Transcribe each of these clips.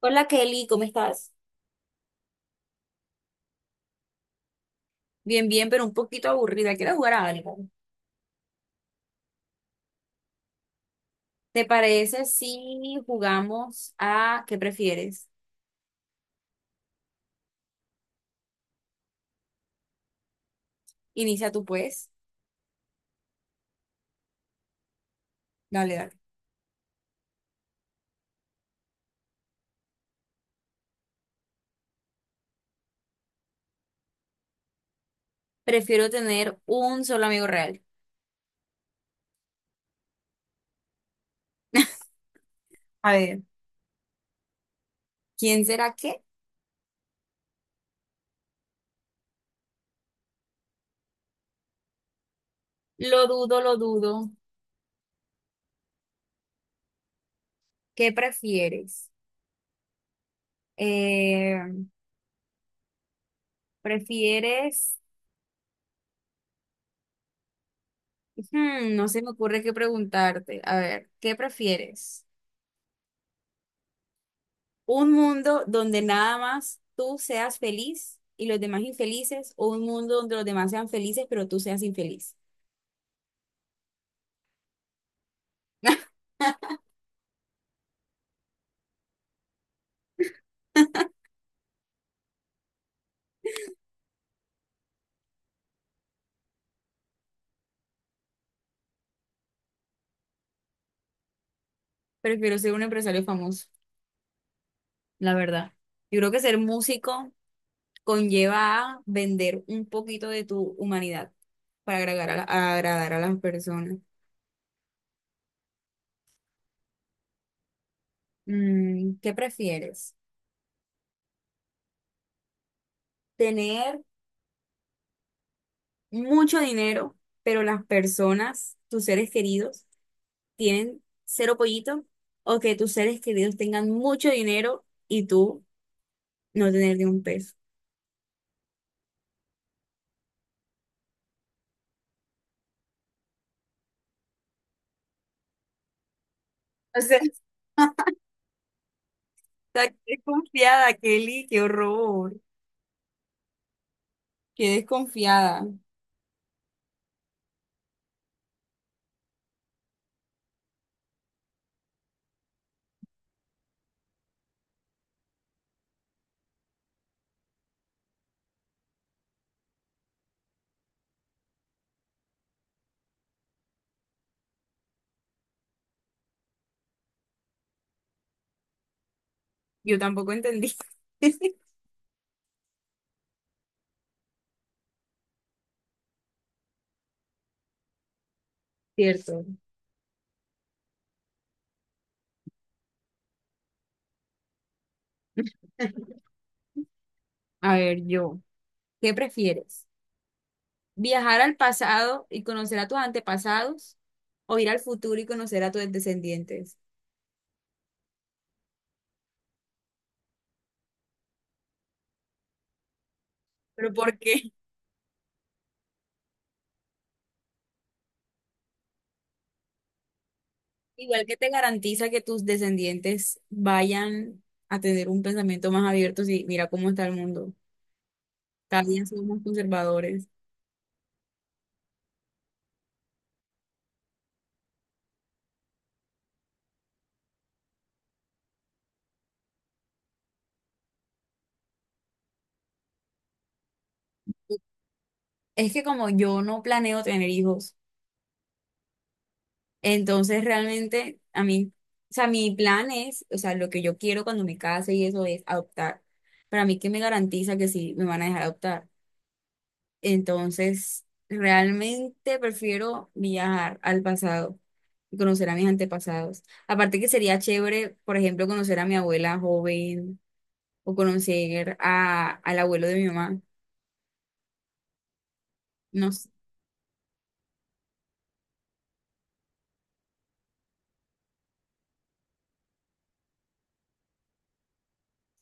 Hola Kelly, ¿cómo estás? Bien, bien, pero un poquito aburrida. Quiero jugar a algo. ¿Te parece si jugamos a qué prefieres? Inicia tú, pues. Dale, dale. Prefiero tener un solo amigo real. A ver, ¿quién será qué? Lo dudo, lo dudo. ¿Qué prefieres? Eh, ¿Prefieres? Hmm, no se me ocurre qué preguntarte. A ver, ¿qué prefieres? Un mundo donde nada más tú seas feliz y los demás infelices, o un mundo donde los demás sean felices, pero tú seas infeliz. Prefiero ser un empresario famoso, la verdad. Yo creo que ser músico conlleva a vender un poquito de tu humanidad para agradar a agradar a las personas. Mm, ¿qué prefieres? ¿Tener mucho dinero, pero las personas, tus seres queridos, tienen cero pollito o que tus seres queridos tengan mucho dinero y tú no tener ni un peso? O sea, está desconfiada, Kelly, qué horror. Qué desconfiada. Yo tampoco entendí. Cierto. A ver, yo, ¿qué prefieres? ¿Viajar al pasado y conocer a tus antepasados o ir al futuro y conocer a tus descendientes? ¿Pero por qué? Igual, que te garantiza que tus descendientes vayan a tener un pensamiento más abierto si mira cómo está el mundo? Cada día somos conservadores. Es que como yo no planeo tener hijos, entonces realmente a mí, o sea, mi plan es, o sea, lo que yo quiero cuando me case y eso es adoptar. Para mí, ¿qué me garantiza que sí me van a dejar adoptar? Entonces, realmente prefiero viajar al pasado y conocer a mis antepasados. Aparte que sería chévere, por ejemplo, conocer a mi abuela joven o conocer al abuelo de mi mamá. No sé, o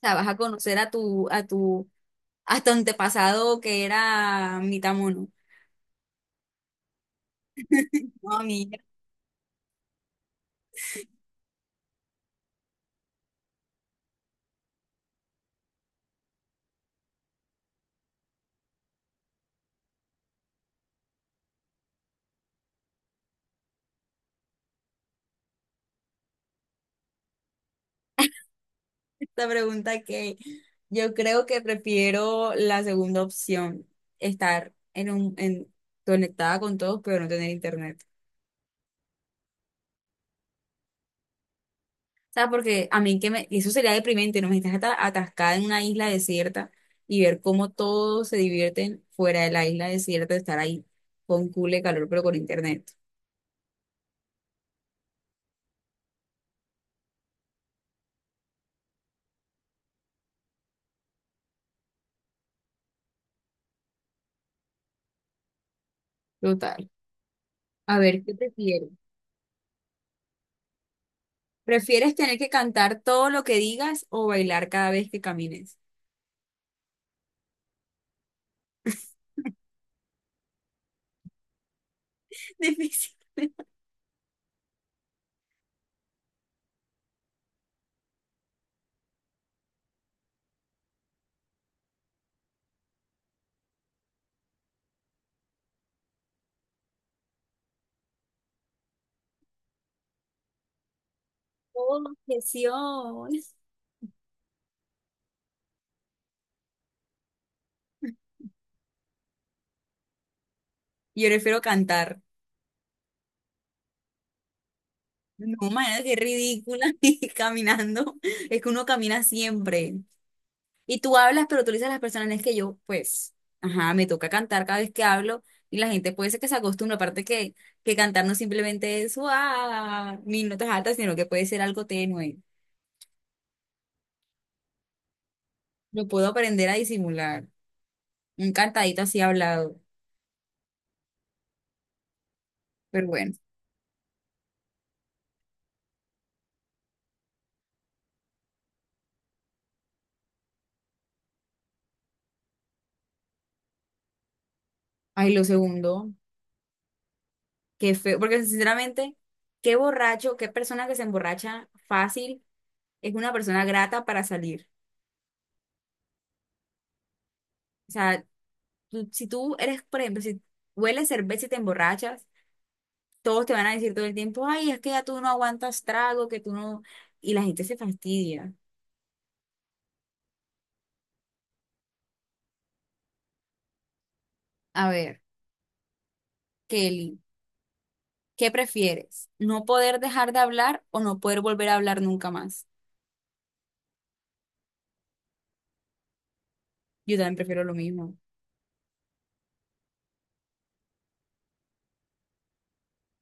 sea, vas a conocer a tu antepasado que era mitad mono. No, mira, esta pregunta que yo creo que prefiero la segunda opción, estar en conectada con todos, pero no tener internet. Sea, porque a mí que me, y eso sería deprimente, ¿no? Me estás atascada en una isla desierta y ver cómo todos se divierten fuera de la isla desierta, estar ahí con cool de calor, pero con internet. Total. A ver, ¿qué prefieres? ¿Prefieres tener que cantar todo lo que digas o bailar cada vez que camines? Difícil. Oh, objeción. Yo prefiero cantar. No, imagínate qué ridícula y caminando. Es que uno camina siempre. Y tú hablas, pero tú le dices a las personas, es que yo, pues, ajá, me toca cantar cada vez que hablo y la gente puede ser que se acostumbre, aparte que cantar no simplemente es, ah, mis notas altas, sino que puede ser algo tenue. Lo puedo aprender a disimular, un cantadito así hablado, pero bueno. Ay, lo segundo, qué feo, porque sinceramente, qué borracho, qué persona que se emborracha fácil es una persona grata para salir. O sea, si tú eres, por ejemplo, si hueles cerveza y te emborrachas, todos te van a decir todo el tiempo, ay, es que ya tú no aguantas trago, que tú no... Y la gente se fastidia. A ver, Kelly, ¿qué prefieres? ¿No poder dejar de hablar o no poder volver a hablar nunca más? Yo también prefiero lo mismo.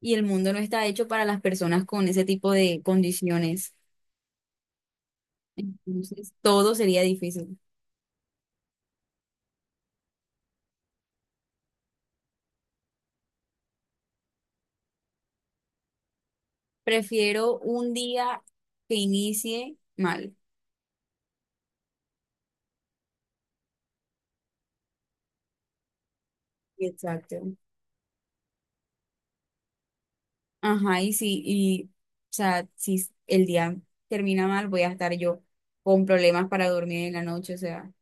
Y el mundo no está hecho para las personas con ese tipo de condiciones. Entonces, todo sería difícil. Prefiero un día que inicie mal. Exacto. Ajá, y sí, y, o sea, si s- el día termina mal, voy a estar yo con problemas para dormir en la noche, o sea,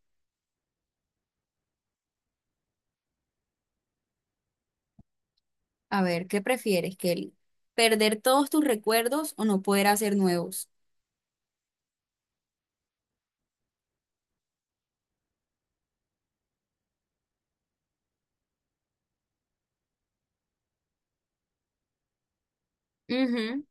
a ver, ¿qué prefieres, Kelly? ¿Perder todos tus recuerdos o no poder hacer nuevos? Ujú.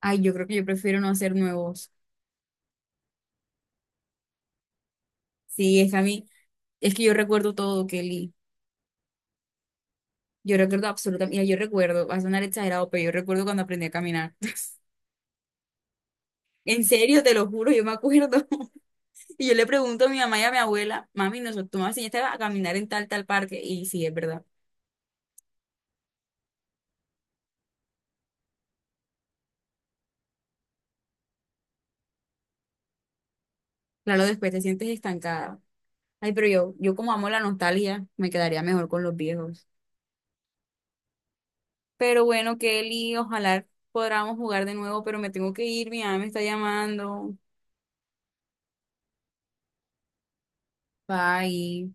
Ay, yo creo que yo prefiero no hacer nuevos. Sí, es que a mí, es que yo recuerdo todo, Kelly. Yo recuerdo absolutamente, mira, yo recuerdo, va a sonar exagerado, pero yo recuerdo cuando aprendí a caminar. En serio, te lo juro, yo me acuerdo. Y yo le pregunto a mi mamá y a mi abuela, mami, nosotros, tú me enseñaste a caminar en tal, tal parque. Y sí, es verdad. Claro, después te sientes estancada. Ay, pero yo como amo la nostalgia, me quedaría mejor con los viejos. Pero bueno, Kelly, ojalá podamos jugar de nuevo, pero me tengo que ir, mi mamá me está llamando. Bye.